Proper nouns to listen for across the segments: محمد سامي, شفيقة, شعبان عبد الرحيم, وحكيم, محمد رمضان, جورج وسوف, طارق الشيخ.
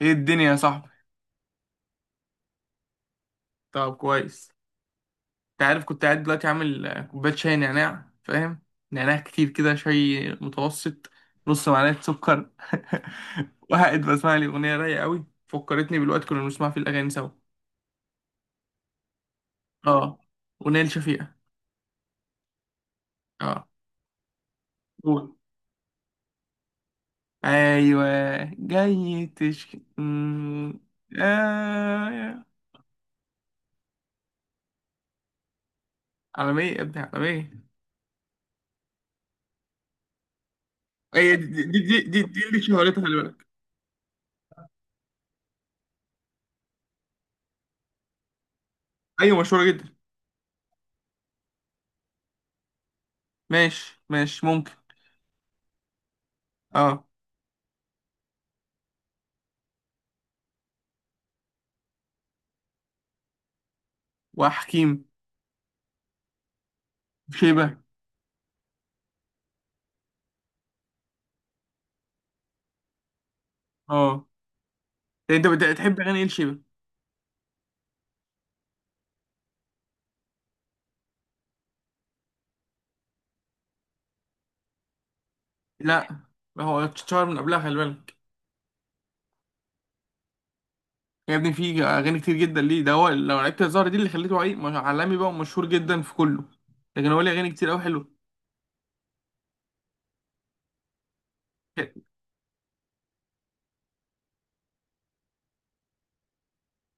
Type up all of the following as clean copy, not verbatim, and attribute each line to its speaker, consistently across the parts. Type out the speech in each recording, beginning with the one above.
Speaker 1: ايه الدنيا يا صاحبي؟ طب كويس. انت عارف كنت قاعد دلوقتي عامل كوبايه شاي نعناع، فاهم؟ نعناع كتير كده، شاي متوسط، نص معلقه سكر. وقاعد بسمع لي اغنيه رايقه قوي، فكرتني بالوقت كنا بنسمع فيه الاغاني سوا. اه، اغنيه لشفيقه. اه. قول. ايوه. جاي تشكي. آه. عالميه يا ابني، عالميه. هي دي دي اللي شهرتها، خلي بالك. ايوه، مشهوره جدا. ماشي ماشي، ممكن. اه. وحكيم. شيبة. اه. ده انت بتحب اغاني ايه لشيبة؟ لا، هو اتشهر من قبلها، خلي بالك. يا ابني، في اغاني كتير جدا ليه، ده هو لو لعبت الزهرة دي اللي خليته عالمي بقى ومشهور جدا في كله. لكن هو ليه اغاني كتير قوي حلوه.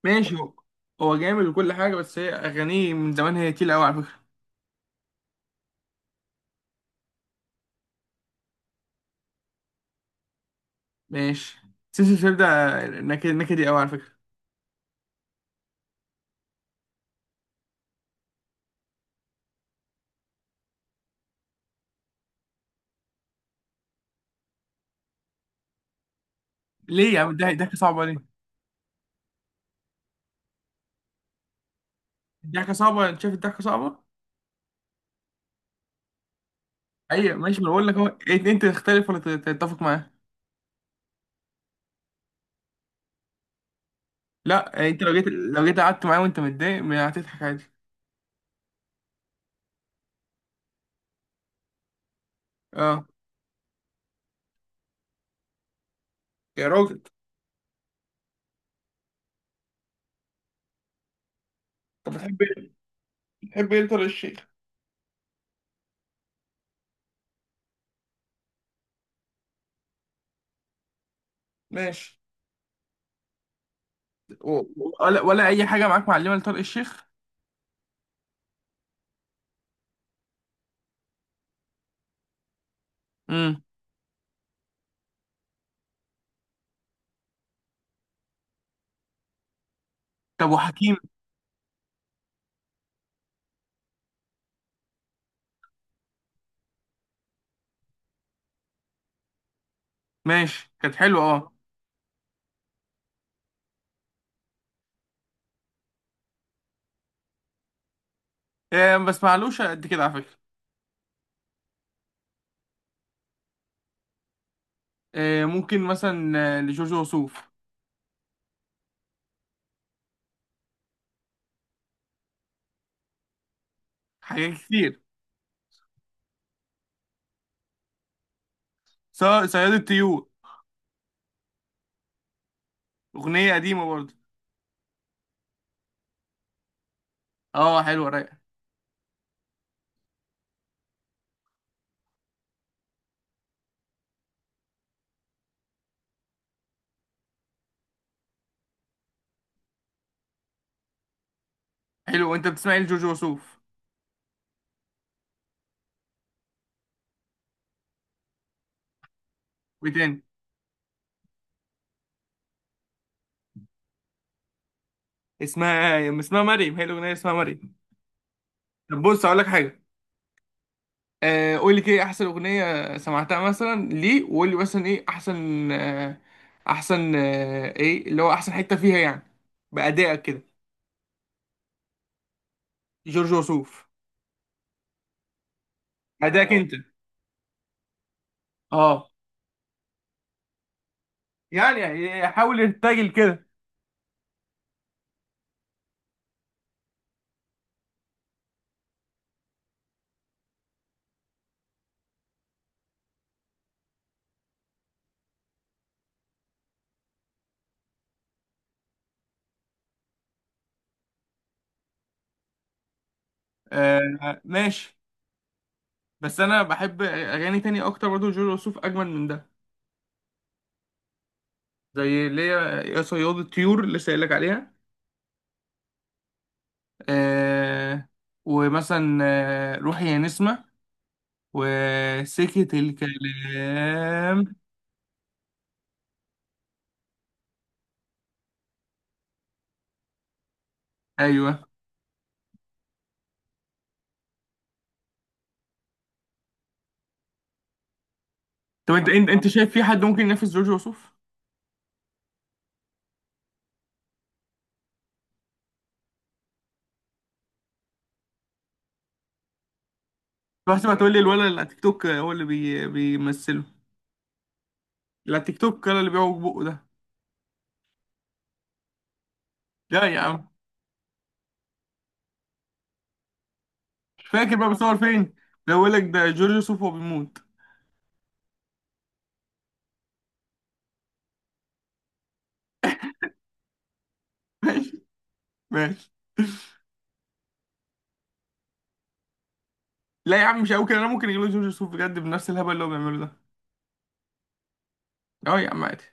Speaker 1: ماشي. هو هو جامد وكل حاجة، بس هي اغانيه من زمان هي تقيلة قوي على فكرة. ماشي. سلسلة شيب ده نكدي قوي على فكرة. ليه يا عم ده ضحكة صعبة ليه؟ الضحكة صعبة؟ انت شايف الضحكة صعبة؟ ايوه ماشي، ما أنا بقول لك اهو، انت تختلف ولا تتفق معاه؟ لا يعني انت لو جيت، لو جيت قعدت معاه وانت متضايق ما هتضحك عادي. اه يا راجل. طب بتحب ايه؟ بتحب ايه طارق الشيخ؟ ماشي. و- ولا ولا اي حاجه معاك معلمه لطارق الشيخ. امم. طب وحكيم. ماشي كانت حلوه اه. ما بسمعلوش قد كده على فكره. ممكن مثلا لجورج وسوف. حاجات كتير. ص- صياد الطيور. اغنيه قديمه برضه. اه، حلوه رايقه. حلو. وانت بتسمع ايه لجورج وسوف؟ وايه تاني؟ اسمها اسمها مريم، هي الاغنيه اسمها مريم. طب بص اقول لك حاجه. قول لي كده إيه احسن اغنيه سمعتها مثلا ليه، وقول لي مثلا ايه احسن احسن ايه اللي هو احسن حته فيها، يعني بادائك كده. جورج وسوف. ادائك، اه انت. اه. يعني يعني حاول ارتجل كده. آه ماشي. بس انا بحب اغاني تانية اكتر برضو جورج وسوف اجمل من ده. زي اللي هي يا صياد الطيور اللي سايلك عليها. آه. ومثلا روحي يا نسمة، وسكت الكلام. ايوه. طب انت انت شايف في حد ممكن ينافس جورج وسوف؟ بحسب هتقول لي الولد اللي على تيك توك، هو اللي بيمثله. لا، تيك توك ولا اللي بيعوج بقه ده. لا يا عم. مش فاكر بقى بيصور فين. ده بقول لك ده جورج وسوف وهو بيموت. ماشي ماشي. لا يا عم مش قوي كده، انا ممكن يجيبوا جورج وسوف بجد بنفس الهبل اللي هو بيعمله ده. اه يا عم عادي.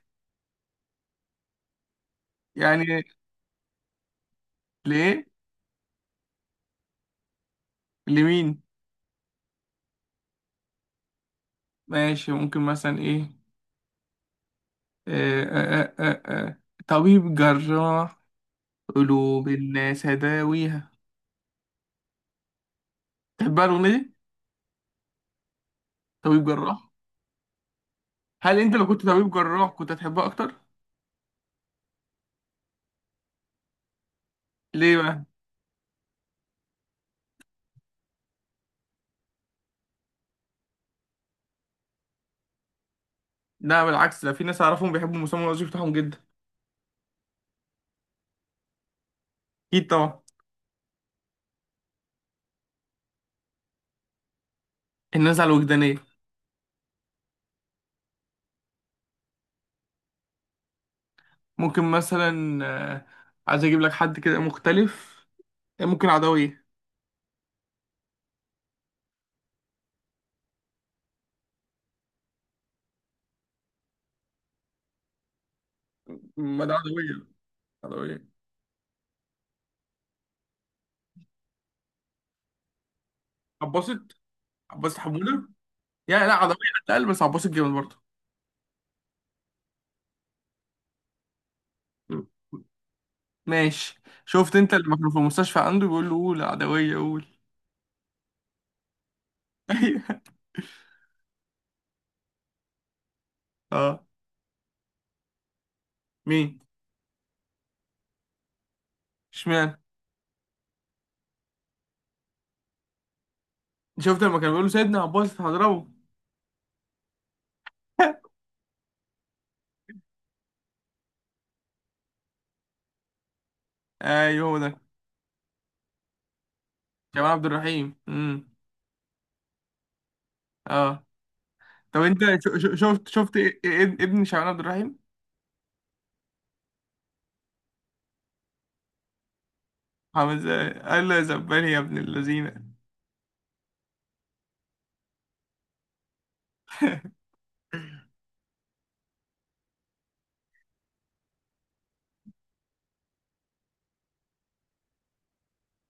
Speaker 1: يعني. ليه؟ لمين؟ ماشي ممكن مثلا ايه. آه آه آه آه. آه. طبيب جراح، قلوب الناس هداويها. تحبها الاغنيه دي؟ طبيب جراح. هل انت لو كنت طبيب جراح كنت هتحبها اكتر؟ ليه بقى؟ لا بالعكس، ده في ناس اعرفهم بيحبوا المسمى الوظيفي بتاعهم جدا. اكيد طبعا. الناس على الوجدانيه. ممكن مثلا آه، عايز اجيب لك حد كده مختلف. ممكن عدويه. ما ده عدويه. عدويه. عباسط. عباسط حموده. يا لا عدويه. اتقل بس عباسط جامد برضه. م. ماشي، شفت انت لما كانوا في المستشفى عنده بيقول له قول عدويه قول. ايوه. اه. مين؟ اشمعنى؟ شفت لما كان بيقول له سيدنا عباسط هضربه. ايوه، هو ده. شعبان عبد الرحيم. امم. اه. طب انت شفت ابن شعبان عبد الرحيم؟ عامل ازاي قال له يا زبال يا ابن اللذينه.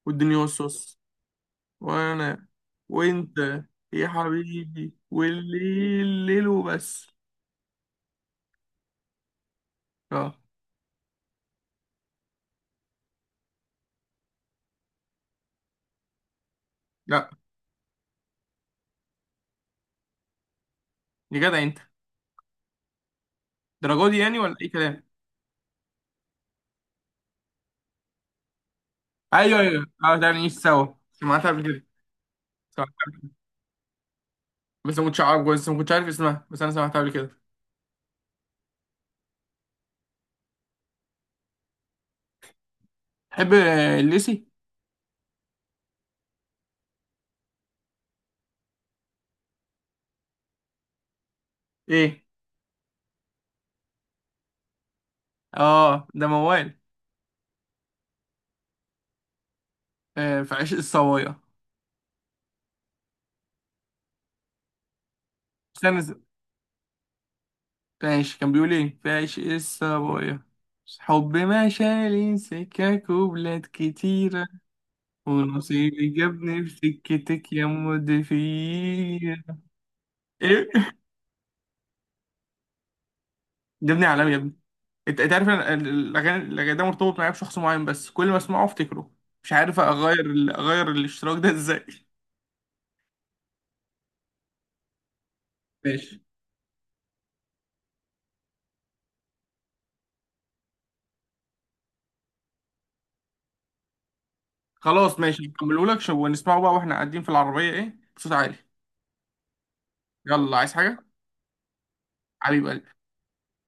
Speaker 1: والدنيا والصوص. وانا. وانت. يا حبيبي، والليل ليل وبس. اه. لا يا جدع انت، الدرجه دي يعني ولا اي كلام. ايوه ايوه اه، ده نعيش سوا. سمعتها قبل كده. سمعتها قبل كده بس ما كنتش عارف، بس ما كنتش عارف اسمها، بس انا سمعتها قبل كده. تحب الليسي؟ ايه. اه ده موال. في عشق الصوايا. استنى س- ماشي. كان بيقول ايه فايش الصبايا، حب ما شالي سكك وبلاد كتيرة. ونصيبي جابني في سكتك يا مدفير. ايه؟ جابني عالمي يا ابني. انت عارف انا الاغاني الأغاني ده مرتبط معايا بشخص معين، بس كل ما اسمعه افتكره. مش عارف اغير اغير الاشتراك ده ازاي. ماشي. خلاص ماشي، نكمله لك ونسمعه بقى واحنا قاعدين في العربية ايه بصوت عالي. يلا، عايز حاجة؟ حبيب قلبي.